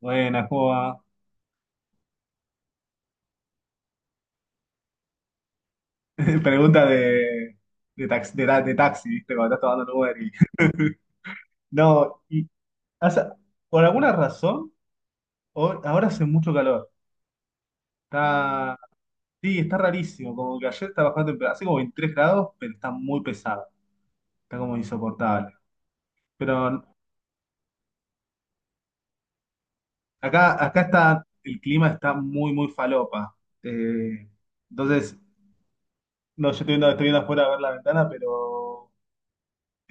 Buena, ¿cómo? Pregunta de, de taxi, ¿viste? Cuando estás tomando un Uber y... No, y... o sea, por alguna razón, ahora hace mucho calor. Está... Sí, está rarísimo. Como que ayer está bajando temperatura. Hace como 23 grados, pero está muy pesado. Está como insoportable. Pero acá está... El clima está muy, muy falopa. Eh, entonces, no, yo estoy viendo afuera a ver la ventana, pero...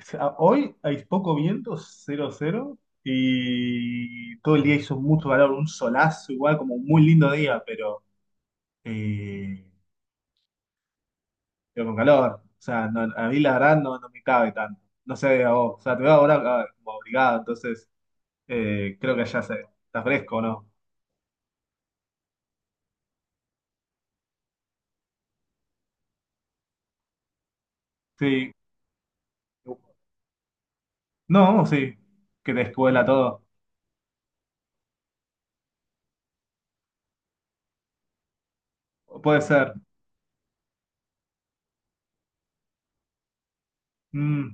sea, hoy hay poco viento, cero cero, y todo el día hizo mucho calor, un solazo igual, como un muy lindo día, eh, pero con calor. O sea, no- a mí la verdad no me cabe tanto. No sé, a vos. O sea, te veo ahora ah, como abrigado, entonces creo que allá se, está fresco, ¿no? Sí. No, sí. Que te escuela todo. Puede ser. Mm,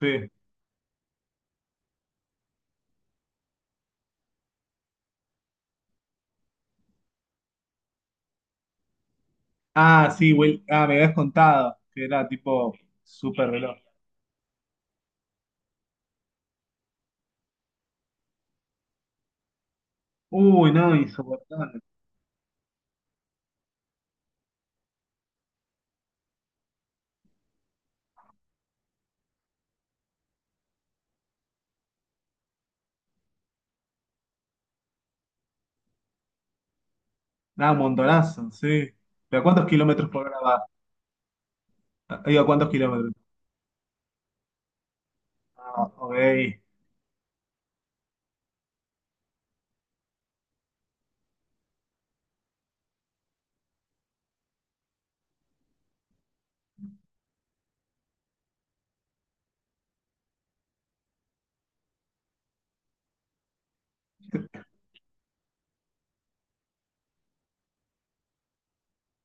sí. Ah, sí, Will. Ah, me habías contado que era tipo súper veloz. Uy, no, insoportable. Nada, montonazo, sí. ¿Pero a cuántos kilómetros por hora va? Digo, ¿a cuántos kilómetros? Ah, ok.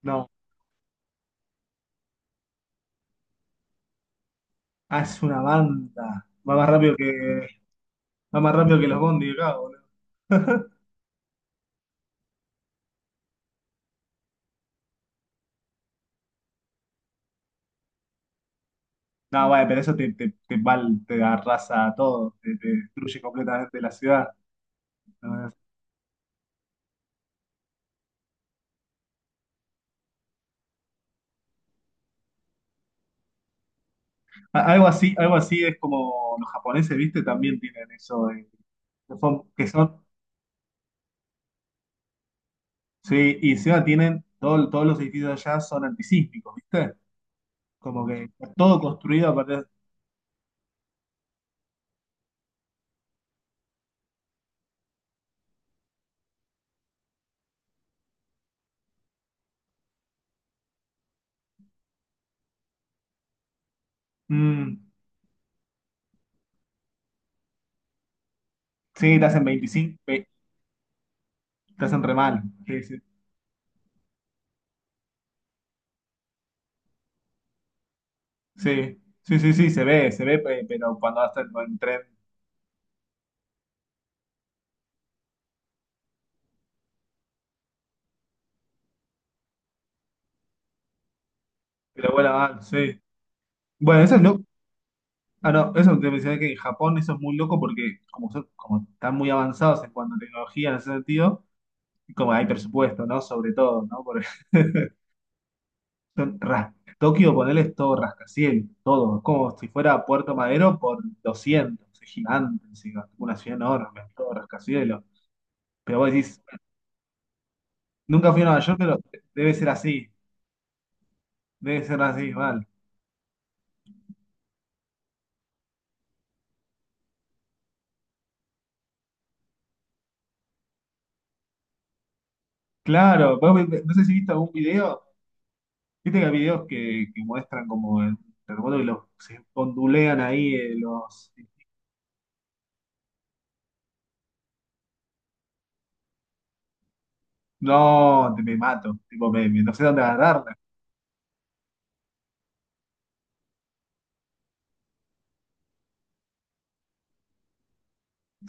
No. Ah, es una banda. Va más rápido que. Va más rápido que los bondis acá, boludo. No, bueno, pero eso val- te arrasa a todo, te destruye completamente la ciudad. No es- a- algo así es como los japoneses, ¿viste? También tienen eso de- que son- sí, y encima tienen, todo- todos los edificios allá son antisísmicos, ¿viste? Como que está todo construido a partir de- Mm, sí, te hacen 25 ve- te hacen re mal. Sí, sí, sí, sí, se ve, pe- pero cuando hasta en el tren, pero vuela mal, sí. Bueno, eso es loco. Ah, no, eso te mencioné que en Japón eso es muy loco porque como, son- como están muy avanzados en cuanto a tecnología en ese sentido, y como hay presupuesto, ¿no? Sobre todo, ¿no? Por Son ras- Tokio, ponele, es todo rascacielos, todo. Es como si fuera Puerto Madero por 200, es gigante encima, una ciudad enorme, es todo rascacielos. Pero vos decís, nunca fui a Nueva York, pero debe ser así, debe ser así, mal. Claro, vos vi- no sé si viste algún video, viste que hay videos que muestran como el terremoto y los, se ondulean ahí los... No, te, me mato, tipo, no sé dónde agarrarme.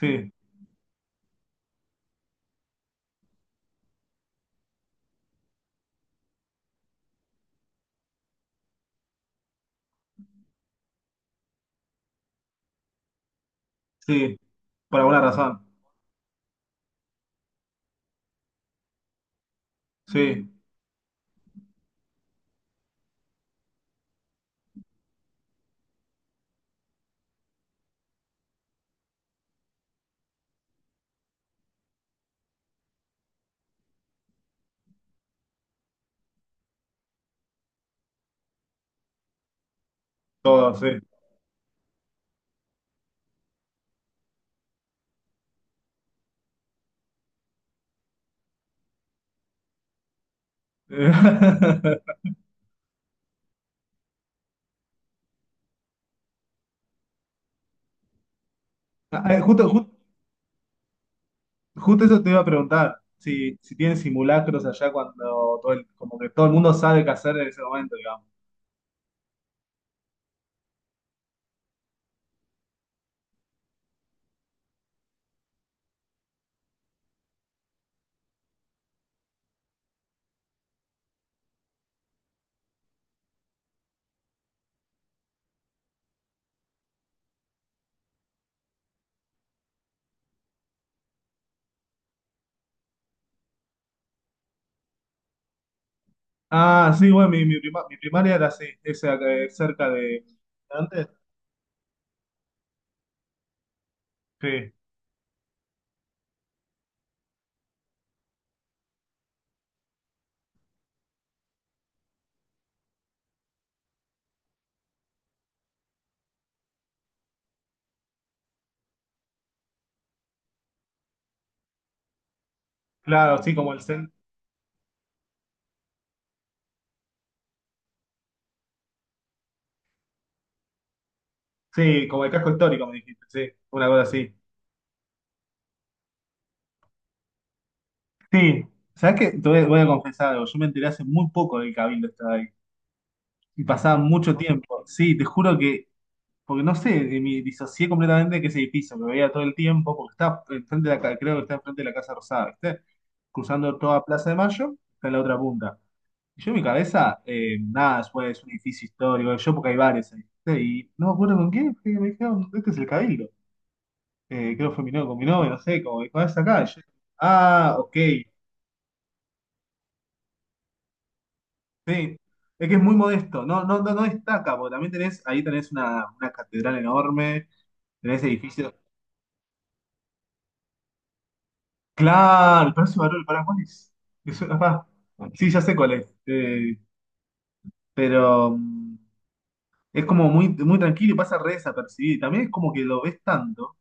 Sí, sí, por alguna razón, sí, todo, sí. Ah, Justo, ju- justo, eso te iba a preguntar, si, si tienen simulacros allá cuando todo el- como que todo el mundo sabe qué hacer en ese momento, digamos. Ah, sí, bueno, mi prima- mi primaria era así, esa, cerca de... ¿Antes? Sí, claro, sí, como el cen- sí, como el casco histórico, me dijiste, sí, una cosa así. Sí, ¿sabes qué? Te voy, voy a confesar algo, yo me enteré hace muy poco del cabildo estaba ahí, y pasaba mucho tiempo. Sí, te juro que porque no sé, me disocié completamente de que ese edificio que veía todo el tiempo, porque está enfrente de la, ca- creo que está enfrente de la Casa Rosada, ¿viste? Cruzando toda Plaza de Mayo, está en la otra punta. Y yo en mi cabeza, nada, después es un edificio histórico, yo porque hay bares ahí, ¿viste? Y no me acuerdo con quién, que y me dijeron, este es el Cabildo. Creo que fue mi novio, con mi novio, no sé, como dijo, "Ah, es acá". Y yo, ah, ok, sí. Es que es muy modesto, no, no destaca, porque también tenés, ahí tenés una catedral enorme, tenés edificios. Claro, el precio valor, ¿para cuál es? Me suena- ah, sí, ya sé cuál es. Pero mm, es como muy, muy tranquilo y pasa re desapercibido. También es como que lo ves tanto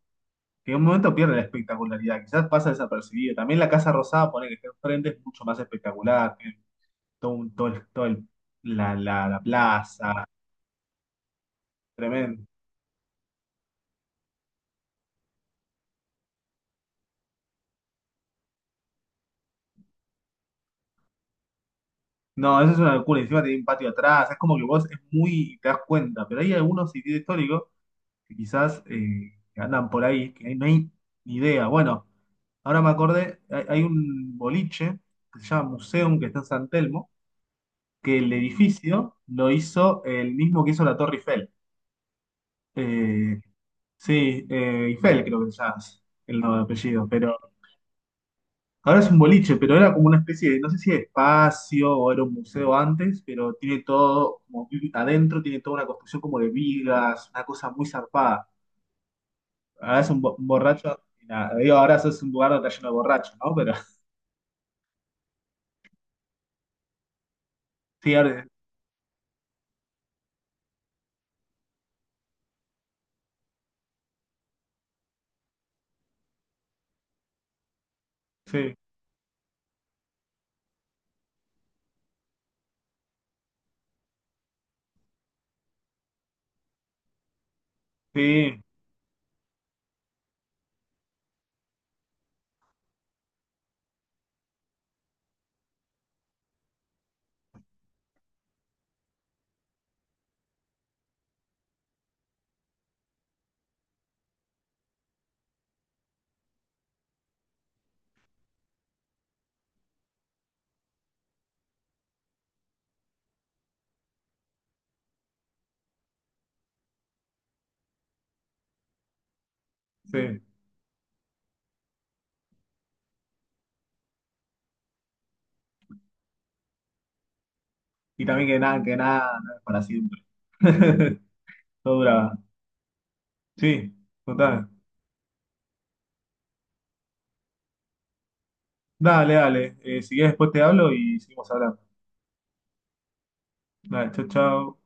que en un momento pierde la espectacularidad. Quizás pasa desapercibido. También la Casa Rosada, poner que está enfrente, es mucho más espectacular. Tiene todo, un- todo el- la plaza, tremendo. No, eso es una locura. Encima tiene un patio atrás. Es como que vos es muy, te das cuenta. Pero hay algunos sitios históricos que quizás andan por ahí, que no hay ni idea. Bueno, ahora me acordé, hay un boliche que se llama Museum, que está en San Telmo, que el edificio lo hizo el mismo que hizo la Torre Eiffel. Eh, sí, Eiffel creo que se llama el nombre de apellido, pero ahora es un boliche, pero era como una especie de, no sé si de espacio o era un museo antes, pero tiene todo, como vi- adentro tiene toda una construcción como de vigas, una cosa muy zarpada. Ahora es un bo- borracho y nada. Digo, ahora es un lugar donde está lleno de borrachos, ¿no? Pero sí, ahora- sí, sí, sí. Y también que nada, no es para siempre. Todo dura. Sí, total. Dale, dale. Si quieres después te hablo y seguimos hablando. Dale, chau, chau.